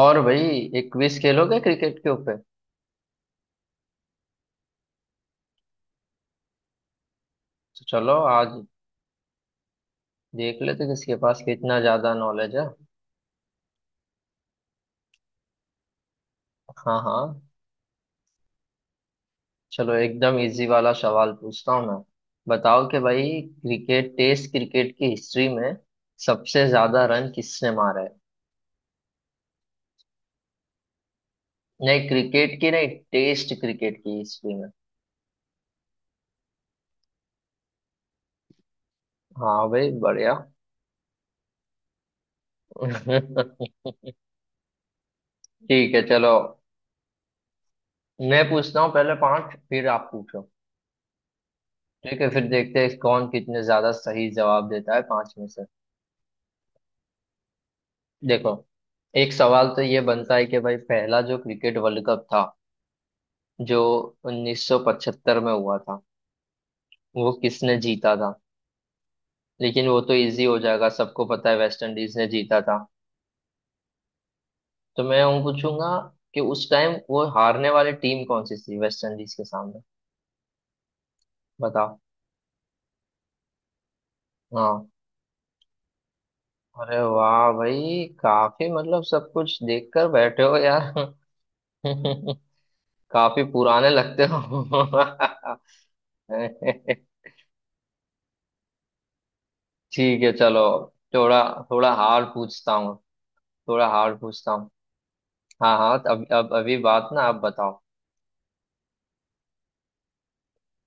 और भाई एक क्विज खेलोगे क्रिकेट के ऊपर। तो चलो आज देख लेते हैं किसके पास कितना ज्यादा नॉलेज है। हाँ हाँ, चलो एकदम इजी वाला सवाल पूछता हूँ मैं। बताओ कि भाई, क्रिकेट टेस्ट क्रिकेट की हिस्ट्री में सबसे ज्यादा रन किसने मारा है। नहीं, क्रिकेट की नहीं, टेस्ट क्रिकेट की हिस्ट्री में। हाँ भाई, बढ़िया। ठीक है चलो, मैं पूछता हूँ पहले पांच, फिर आप पूछो। ठीक है, फिर देखते हैं कौन कितने ज्यादा सही जवाब देता है पांच में से। देखो, एक सवाल तो ये बनता है कि भाई, पहला जो क्रिकेट वर्ल्ड कप था, जो 1975 में हुआ था, वो किसने जीता था। लेकिन वो तो इजी हो जाएगा, सबको पता है वेस्ट इंडीज ने जीता था। तो मैं हूँ पूछूंगा कि उस टाइम वो हारने वाली टीम कौन सी थी वेस्ट इंडीज के सामने। बताओ। हाँ। अरे वाह भाई, काफी मतलब सब कुछ देखकर बैठे हो यार। काफी पुराने लगते हो। ठीक है चलो, थोड़ा, थोड़ा हार्ड पूछता हूँ, थोड़ा हार्ड पूछता हूँ। हाँ हाँ, तो अब अभी बात ना, आप बताओ।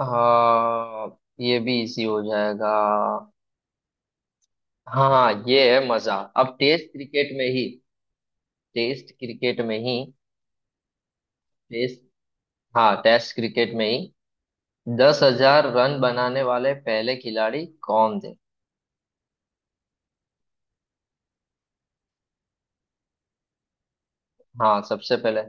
हाँ, ये भी इजी हो जाएगा। हाँ हाँ, ये है मजा। अब टेस्ट क्रिकेट में ही टेस्ट, हाँ टेस्ट क्रिकेट में ही 10,000 रन बनाने वाले पहले खिलाड़ी कौन थे। हाँ, सबसे पहले।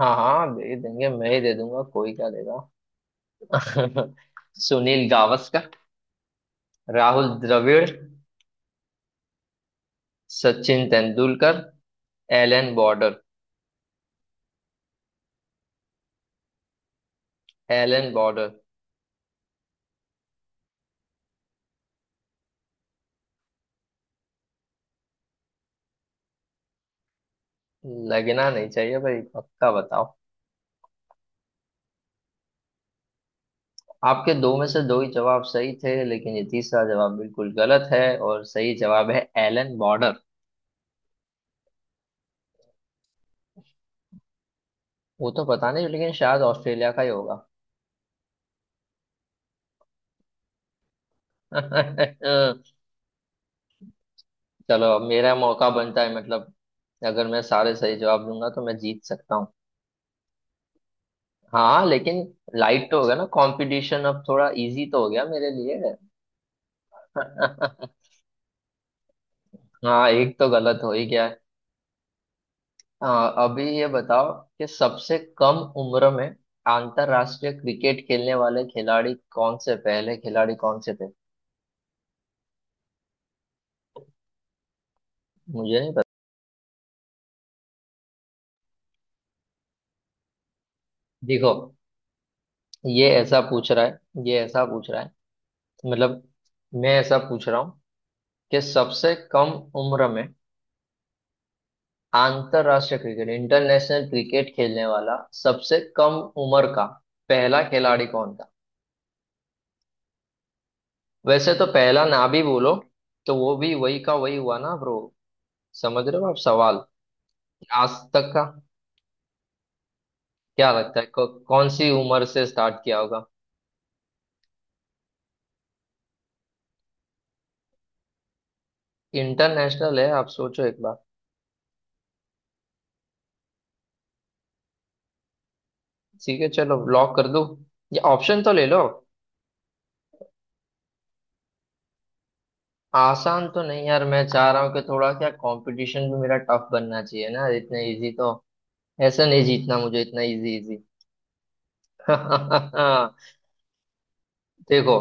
हाँ हाँ दे देंगे, मैं ही दे दूंगा, कोई क्या देगा। Sunil Gavaskar, Rahul Dravid, Sachin Tendulkar, Allan Border. Allan Border. लगना नहीं चाहिए भाई, पक्का बताओ। आपके दो में से दो ही जवाब सही थे, लेकिन ये तीसरा जवाब बिल्कुल गलत है, और सही जवाब है एलन बॉर्डर। वो तो पता नहीं, लेकिन शायद ऑस्ट्रेलिया का ही होगा। चलो अब मेरा मौका बनता है मतलब, अगर मैं सारे सही जवाब दूंगा तो मैं जीत सकता हूँ। हाँ लेकिन, लाइट तो हो गया ना कंपटीशन, अब थोड़ा इजी तो हो गया मेरे लिए। हाँ, एक तो गलत हो ही गया। हाँ, अभी ये बताओ कि सबसे कम उम्र में अंतरराष्ट्रीय क्रिकेट खेलने वाले खिलाड़ी कौन से, पहले खिलाड़ी कौन से थे। मुझे नहीं पता। देखो, ये ऐसा पूछ रहा है ये ऐसा पूछ रहा है मतलब, मैं ऐसा पूछ रहा हूँ कि सबसे कम उम्र में अंतरराष्ट्रीय क्रिकेट, इंटरनेशनल क्रिकेट खेलने वाला सबसे कम उम्र का पहला खिलाड़ी कौन था। वैसे तो पहला ना भी बोलो, तो वो भी वही का वही हुआ ना ब्रो, समझ रहे हो आप सवाल। आज तक का, क्या लगता है कौन सी उम्र से स्टार्ट किया होगा। इंटरनेशनल है, आप सोचो एक बार। ठीक है, चलो ब्लॉक कर दूं। ये ऑप्शन तो ले लो। आसान तो नहीं यार, मैं चाह रहा हूँ कि थोड़ा क्या, कंपटीशन भी मेरा टफ बनना चाहिए ना, इतना इजी तो। ऐसा नहीं जीतना मुझे इतना इजी, इजी। देखो,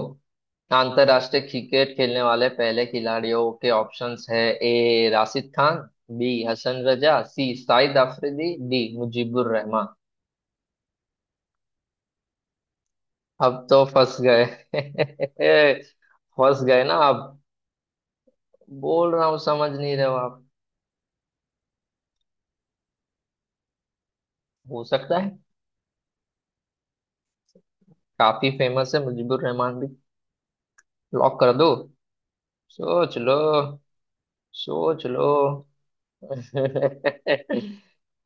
अंतरराष्ट्रीय क्रिकेट खेलने वाले पहले खिलाड़ियों के ऑप्शंस है। A Rashid Khan, B Hasan Raza, C Shahid Afridi, D Mujibur Rahman. अब तो फंस गए। फंस गए ना आप, बोल रहा हूँ समझ नहीं रहे हो आप। हो सकता है। काफी फेमस है मुजीबुर रहमान भी। लॉक कर दो। सोच लो, सोच लो।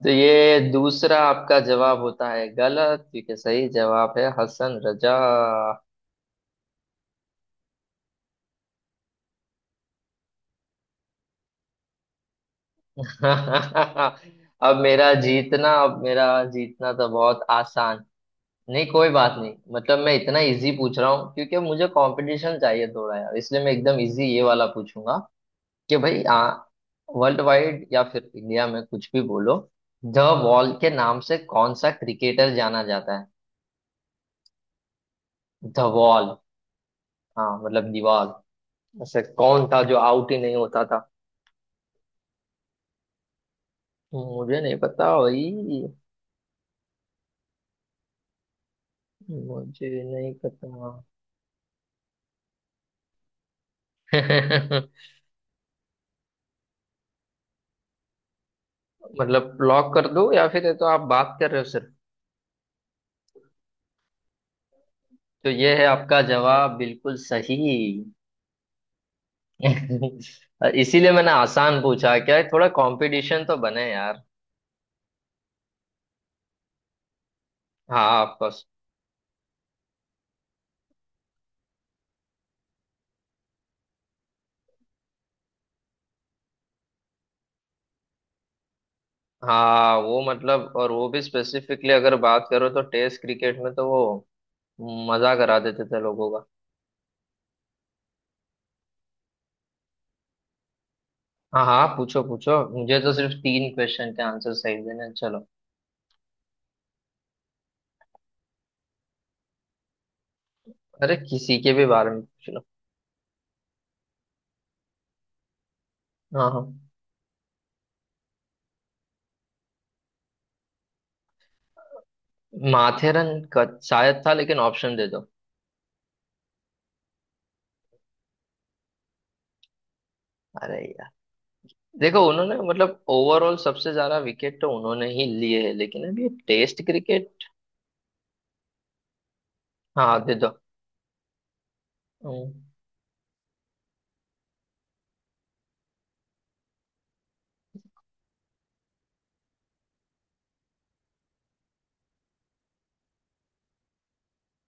तो ये दूसरा आपका जवाब होता है गलत, क्योंकि सही जवाब है हसन रजा। अब मेरा जीतना तो बहुत आसान। नहीं कोई बात नहीं मतलब, मैं इतना इजी पूछ रहा हूँ क्योंकि मुझे कंपटीशन चाहिए थोड़ा यार, इसलिए मैं एकदम इजी ये वाला पूछूंगा। कि भाई, आ वर्ल्ड वाइड या फिर इंडिया में कुछ भी बोलो, द वॉल के नाम से कौन सा क्रिकेटर जाना जाता है। The wall. हाँ मतलब, दीवार। ऐसे कौन था जो आउट ही नहीं होता था। मुझे नहीं पता भाई। मुझे नहीं पता। मतलब लॉक कर दो, या फिर ये तो आप बात कर रहे हो सिर्फ। तो ये है आपका जवाब बिल्कुल सही। इसीलिए मैंने आसान पूछा, क्या है थोड़ा कंपटीशन तो बने यार। हाँ, ऑफकोर्स। हाँ, वो मतलब, और वो भी स्पेसिफिकली अगर बात करो तो टेस्ट क्रिकेट में तो वो मजा करा देते थे लोगों का। हाँ हाँ पूछो पूछो, मुझे तो सिर्फ तीन क्वेश्चन के आंसर सही देने हैं। चलो। अरे किसी के भी बारे में पूछ लो। हाँ हाँ। माथेरन का शायद था, लेकिन ऑप्शन दे दो। अरे यार, देखो उन्होंने मतलब ओवरऑल सबसे ज्यादा विकेट तो उन्होंने ही लिए है, लेकिन अब ये टेस्ट क्रिकेट। हाँ दे दो। हम्म।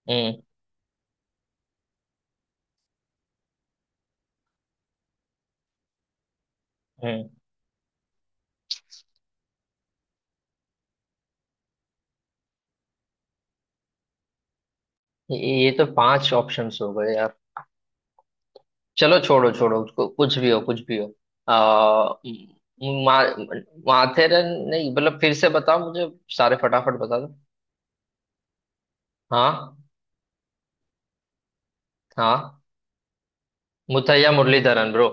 हम्म। हम्म। ये तो पांच ऑप्शंस हो गए यार। चलो छोड़ो छोड़ो उसको, कुछ भी हो कुछ भी हो। आ, मा, माथेरन नहीं, मतलब फिर से बताओ मुझे। सारे फटाफट बता दो। हाँ हाँ। मुथैया मुरलीधरन ब्रो।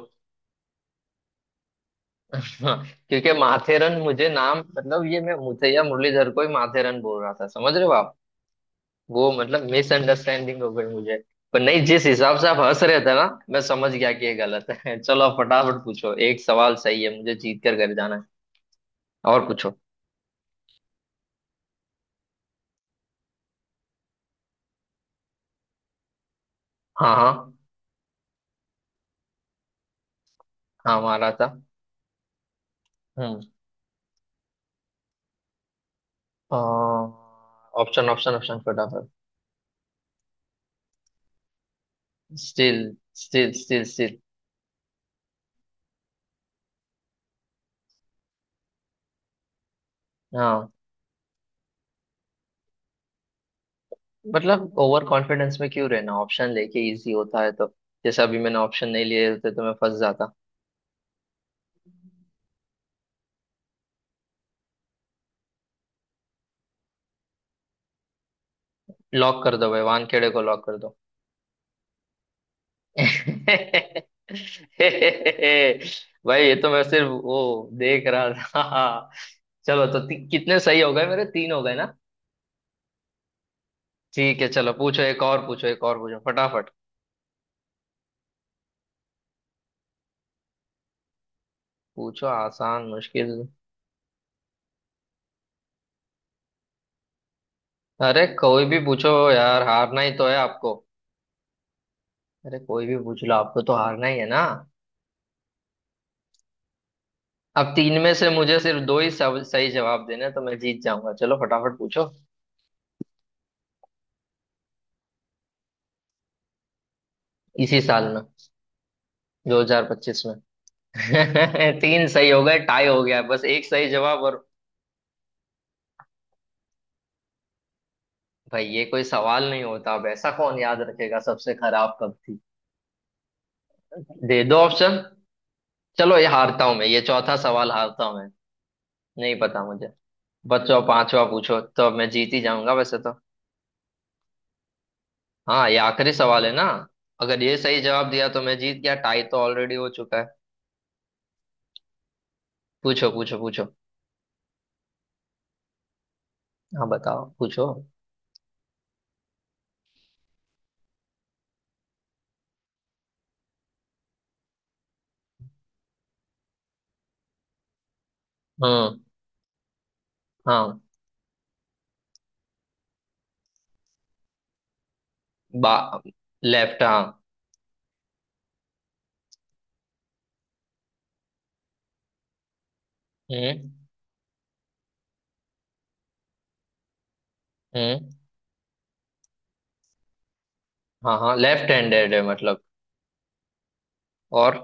हाँ। क्योंकि माथेरन मुझे नाम मतलब, ये मैं मुथैया मुरलीधर को ही माथेरन बोल रहा था, समझ रहे हो आप। वो मतलब मिसअंडरस्टैंडिंग हो गई मुझे। पर नहीं, जिस हिसाब से आप हंस रहे थे ना, मैं समझ गया कि ये गलत है। चलो आप फटाफट पूछो, एक सवाल सही है मुझे, जीत कर घर जाना है। और पूछो। हाँ हाँ। हाँ, मारा था। हम्म। ऑप्शन ऑप्शन ऑप्शन फटाफट। Still, still, still, still. हाँ मतलब, ओवर कॉन्फिडेंस में क्यों रहना, ऑप्शन लेके इजी होता है तो। जैसे अभी मैंने ऑप्शन नहीं लिए होते तो मैं फंस जाता। लॉक कर दो भाई, वानखेड़े को लॉक कर दो। भाई, ये तो मैं सिर्फ वो देख रहा था। चलो, तो कितने सही हो गए मेरे, तीन हो गए ना। ठीक है चलो पूछो, एक और पूछो, एक और पूछो फटाफट। पूछो, आसान मुश्किल। अरे कोई भी पूछो यार, हारना ही तो है आपको। अरे कोई भी पूछ लो, आपको तो हारना ही है ना। अब तीन में से मुझे सिर्फ दो ही सब सही जवाब देने हैं, तो मैं जीत जाऊंगा। चलो फटाफट पूछो। इसी साल में, 2025 में। तीन सही हो गए, टाई हो गया, बस एक सही जवाब और। भाई, ये कोई सवाल नहीं होता, अब ऐसा कौन याद रखेगा सबसे खराब कब थी। दे दो ऑप्शन। चलो, ये हारता हूं मैं, ये चौथा सवाल हारता हूं मैं। नहीं पता मुझे। बच्चों, पांचवा पूछो, तो अब मैं जीत ही जाऊंगा वैसे तो। हाँ, ये आखिरी सवाल है ना। अगर ये सही जवाब दिया तो मैं जीत गया, टाई तो ऑलरेडी हो चुका है। पूछो पूछो पूछो। हाँ, बताओ पूछो। हम्म। हाँ। बा लेफ्ट, हाँ। हम्म। हम्म। हाँ हाँ, लेफ्ट हैंडेड है मतलब। और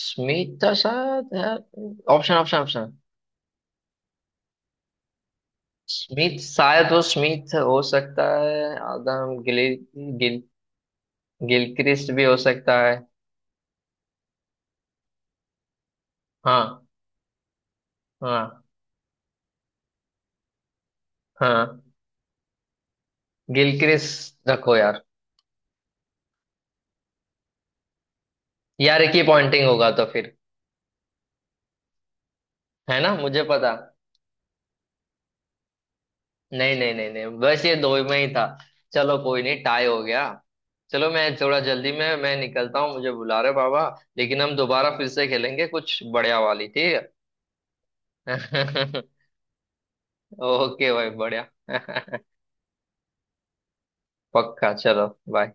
स्मिथ था शायद यार। Option option option. स्मिथ, शायद वो स्मिथ हो सकता है, आदम गिल गिल गिलक्रिस्ट भी हो सकता है। हाँ हाँ हाँ। गिलक्रिस्ट रखो यार। यार, एक ही पॉइंटिंग होगा तो फिर। है ना, मुझे पता। नहीं नहीं नहीं नहीं, बस ये दो में ही था। चलो कोई नहीं, टाई हो गया। चलो मैं थोड़ा जल्दी में, मैं निकलता हूँ, मुझे बुला रहे बाबा। लेकिन हम दोबारा फिर से खेलेंगे कुछ बढ़िया वाली, ठीक है। ओके भाई, बढ़िया। पक्का, चलो बाय।